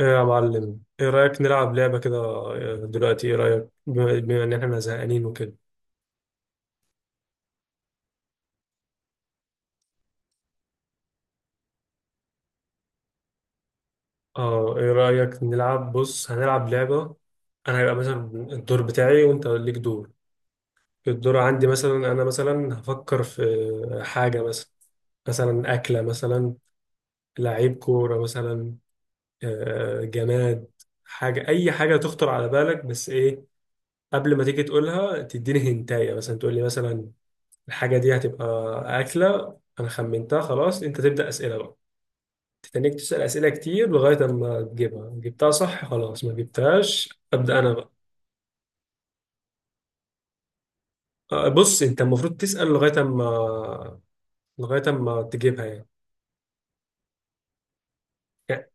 ايه يا معلم، ايه رأيك نلعب لعبة كده؟ دلوقتي ايه رأيك بما ان احنا زهقانين وكده؟ اه ايه رأيك نلعب؟ بص هنلعب لعبة. انا هيبقى مثلا الدور بتاعي وانت ليك دور. الدور عندي مثلا، انا مثلا هفكر في حاجة مثلا. مثلا أكلة مثلا، لعيب كورة مثلا، جماد، حاجة، أي حاجة تخطر على بالك، بس إيه، قبل ما تيجي تقولها تديني هنتاية، مثلا تقول لي مثلا الحاجة دي هتبقى أكلة. أنا خمنتها خلاص، أنت تبدأ أسئلة بقى، تتنيك تسأل أسئلة كتير لغاية أما تجيبها. جبتها صح، خلاص. ما جبتهاش، أبدأ أنا بقى. بص أنت المفروض تسأل لغاية أما، تجيبها يعني.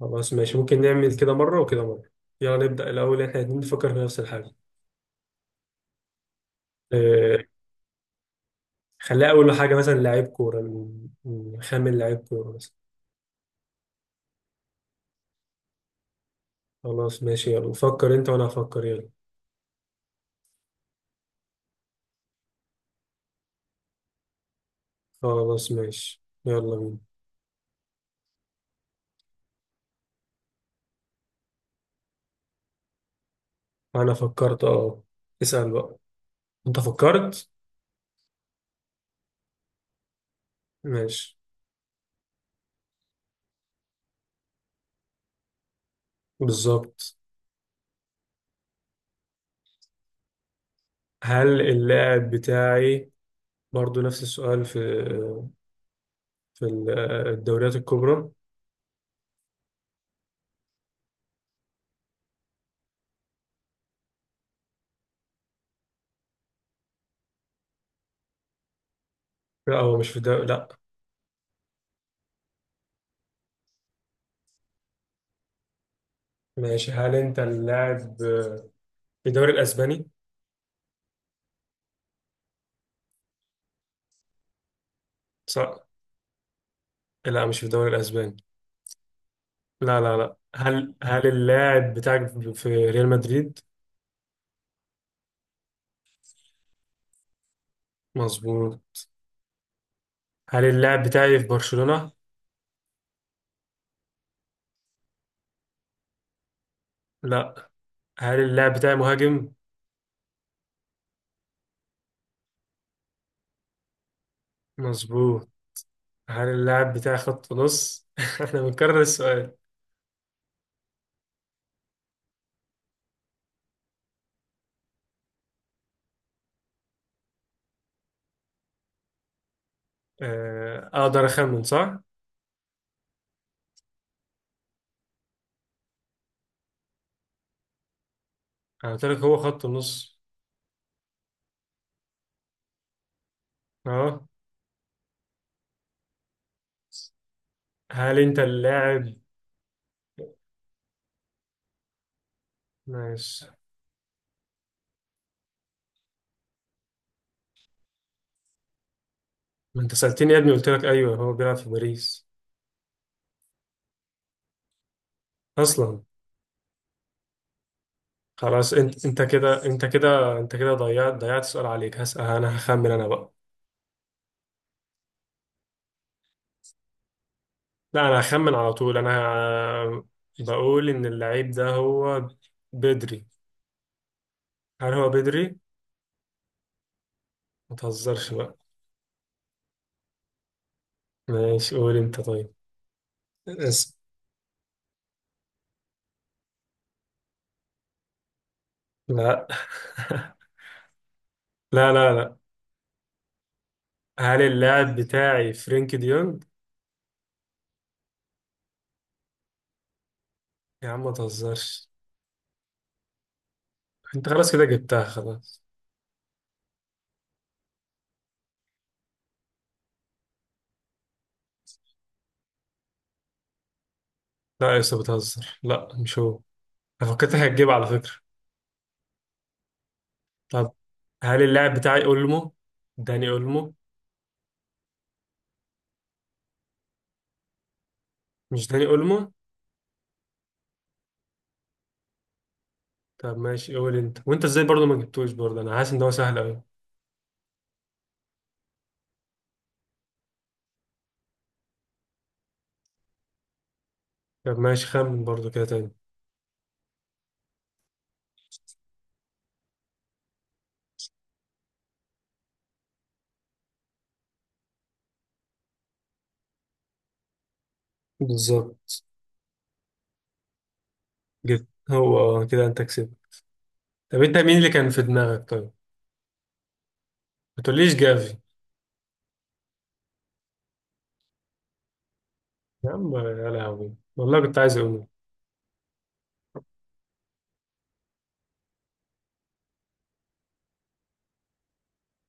خلاص ماشي، ممكن نعمل كده مرة وكده مرة. يلا نبدأ الأول، إحنا الاتنين نفكر في نفس الحاجة. آه، خليها أول حاجة مثلا لعيب كورة، نخمن لعيب كورة مثلا. خلاص ماشي، يلا فكر أنت وأنا هفكر، يلا. خلاص ماشي، يلا بينا. انا فكرت، اه. اسأل بقى. انت فكرت. ماشي. بالظبط. هل اللاعب بتاعي برضو نفس السؤال في في ال- الدوريات الكبرى؟ لا، هو مش في الدوري، لا. ماشي. هل انت اللاعب في الدوري الاسباني؟ صح. لا، مش في الدوري الاسباني. لا لا لا، هل اللاعب بتاعك في ريال مدريد؟ مظبوط. هل اللاعب بتاعي في برشلونة؟ لا. هل اللاعب بتاعي مهاجم؟ مظبوط. هل اللاعب بتاعي خط نص؟ احنا بنكرر السؤال. اقدر اخمن، صح؟ انا قلت لك هو خط النص. اه، هل انت اللاعب؟ ماشي. ما انت سألتني يا ابني، قلت لك ايوه، هو بيلعب في باريس، اصلا. خلاص، انت كده ضيعت سؤال عليك. هسأل انا، هخمن انا بقى. لا، انا هخمن على طول، انا. بقول ان اللعيب ده هو بدري. هل هو بدري؟ ما تهزرش بقى. ماشي قول انت. طيب. لا. لا لا لا. هل اللاعب بتاعي فرينك ديونج؟ يا عم ما تهزرش. انت خلاص كده جبتها خلاص. لا يا اسطى، بتهزر، لا مش هو. انا فكرتك هتجيب، على فكرة. طب، هل اللاعب بتاعي اولمو؟ داني اولمو؟ مش داني اولمو؟ طب ماشي، قول انت. وانت ازاي برضه ما جبتوش برضه؟ انا حاسس ان هو سهل قوي. طب ماشي، خمن برضه كده تاني. بالظبط. جبت، هو. كده انت كسبت. طب انت مين اللي كان في دماغك طيب؟ ما تقوليش جافي. يا عم يا لهوي، والله كنت عايز اقول.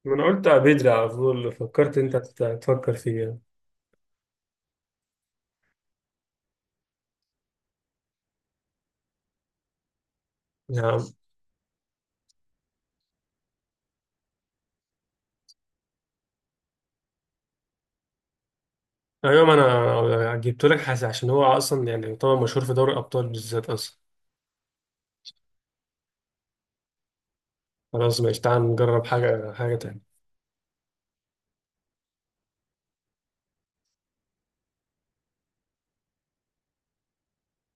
ما انا قلت بدري على طول، فكرت انت تفكر فيه يعني. يعني- ايوه، ما انا جبته لك حاجة عشان هو اصلا يعني طبعا مشهور في دوري الابطال بالذات اصلا. خلاص ماشي، تعال نجرب حاجه تانية.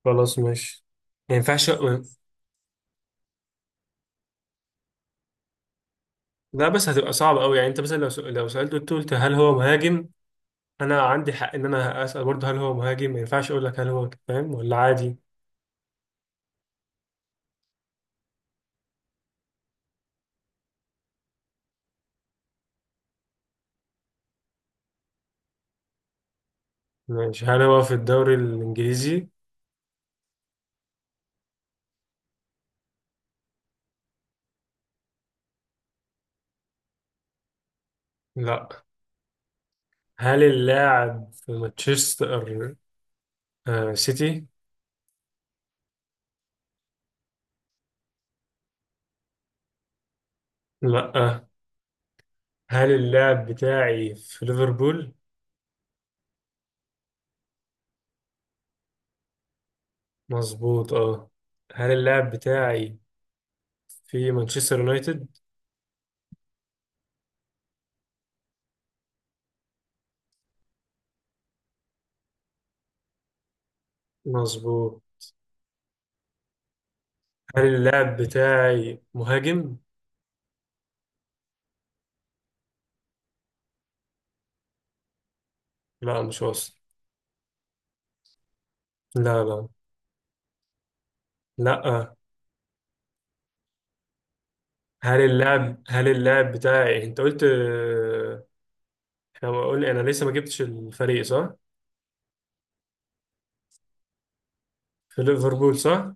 خلاص ماشي. ما ينفعش. لا بس هتبقى صعب قوي. يعني انت مثلا لو سالته، قلت هل هو مهاجم، انا عندي حق ان انا اسال برضه هل هو مهاجم. ما ينفعش اقول لك هل هو فاهم ولا عادي. ماشي، هل هو في الدوري الانجليزي؟ لا. هل اللاعب في مانشستر سيتي؟ لا. هل اللاعب بتاعي في ليفربول؟ مظبوط، اه. هل اللاعب بتاعي في مانشستر يونايتد؟ مظبوط. هل اللاعب بتاعي مهاجم؟ لا، مش وسط. لا لا لا، آه. هل اللاعب بتاعي، انت قلت، احنا قلنا انا لسه ما جبتش الفريق، صح؟ في ليفربول صح؟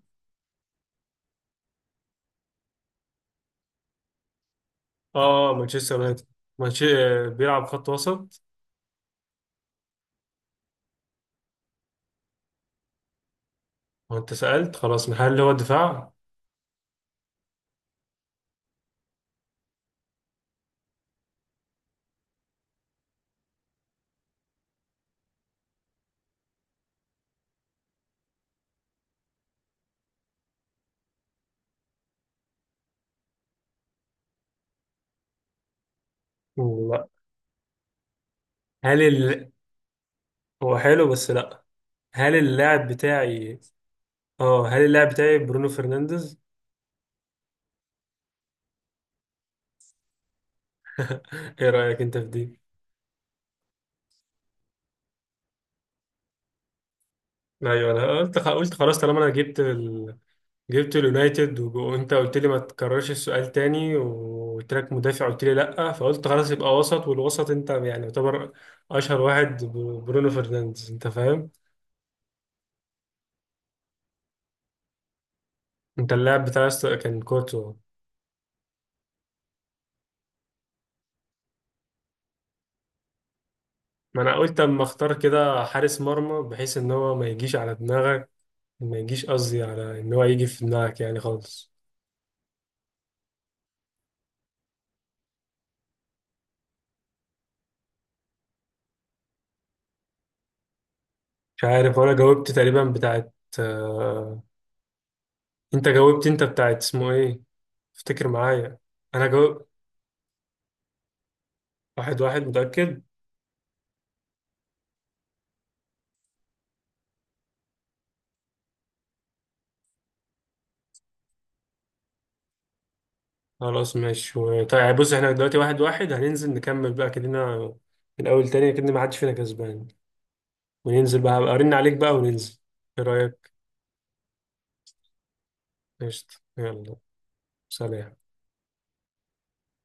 اه، مانشستر يونايتد. مانشستر بيلعب خط وسط. وانت سألت خلاص، هل هو الدفاع؟ لا. هل ال... هو حلو بس لا. هل اللاعب بتاعي، اه هل اللاعب بتاعي برونو فرنانديز. ايه رأيك انت في دي؟ ايوه، انا قلت خلاص، طالما انا جبت ال... جبت اليونايتد، وانت قلت لي ما تكررش السؤال تاني، وقلت لك مدافع، قلت لي لا، فقلت خلاص يبقى وسط، والوسط انت يعني يعتبر اشهر واحد برونو فرنانديز، انت فاهم. انت اللاعب بتاعي كان كورتو. ما انا قلت اما اختار كده حارس مرمى بحيث ان هو ما يجيش على دماغك. ما يجيش، قصدي على ان هو يجي في دماغك يعني خالص. مش عارف، ولا جاوبت تقريبا بتاعت، آه، انت جاوبت، انت بتاعت اسمه ايه، افتكر معايا. انا جاوب، واحد واحد، متأكد. خلاص ماشي طيب بص احنا دلوقتي واحد واحد، هننزل نكمل بقى كلنا من الاول تاني كده، ما حدش فينا كسبان. وننزل بقى، هبقى ارن عليك بقى، وننزل. ايه رأيك؟ قشطة يلا. سلام.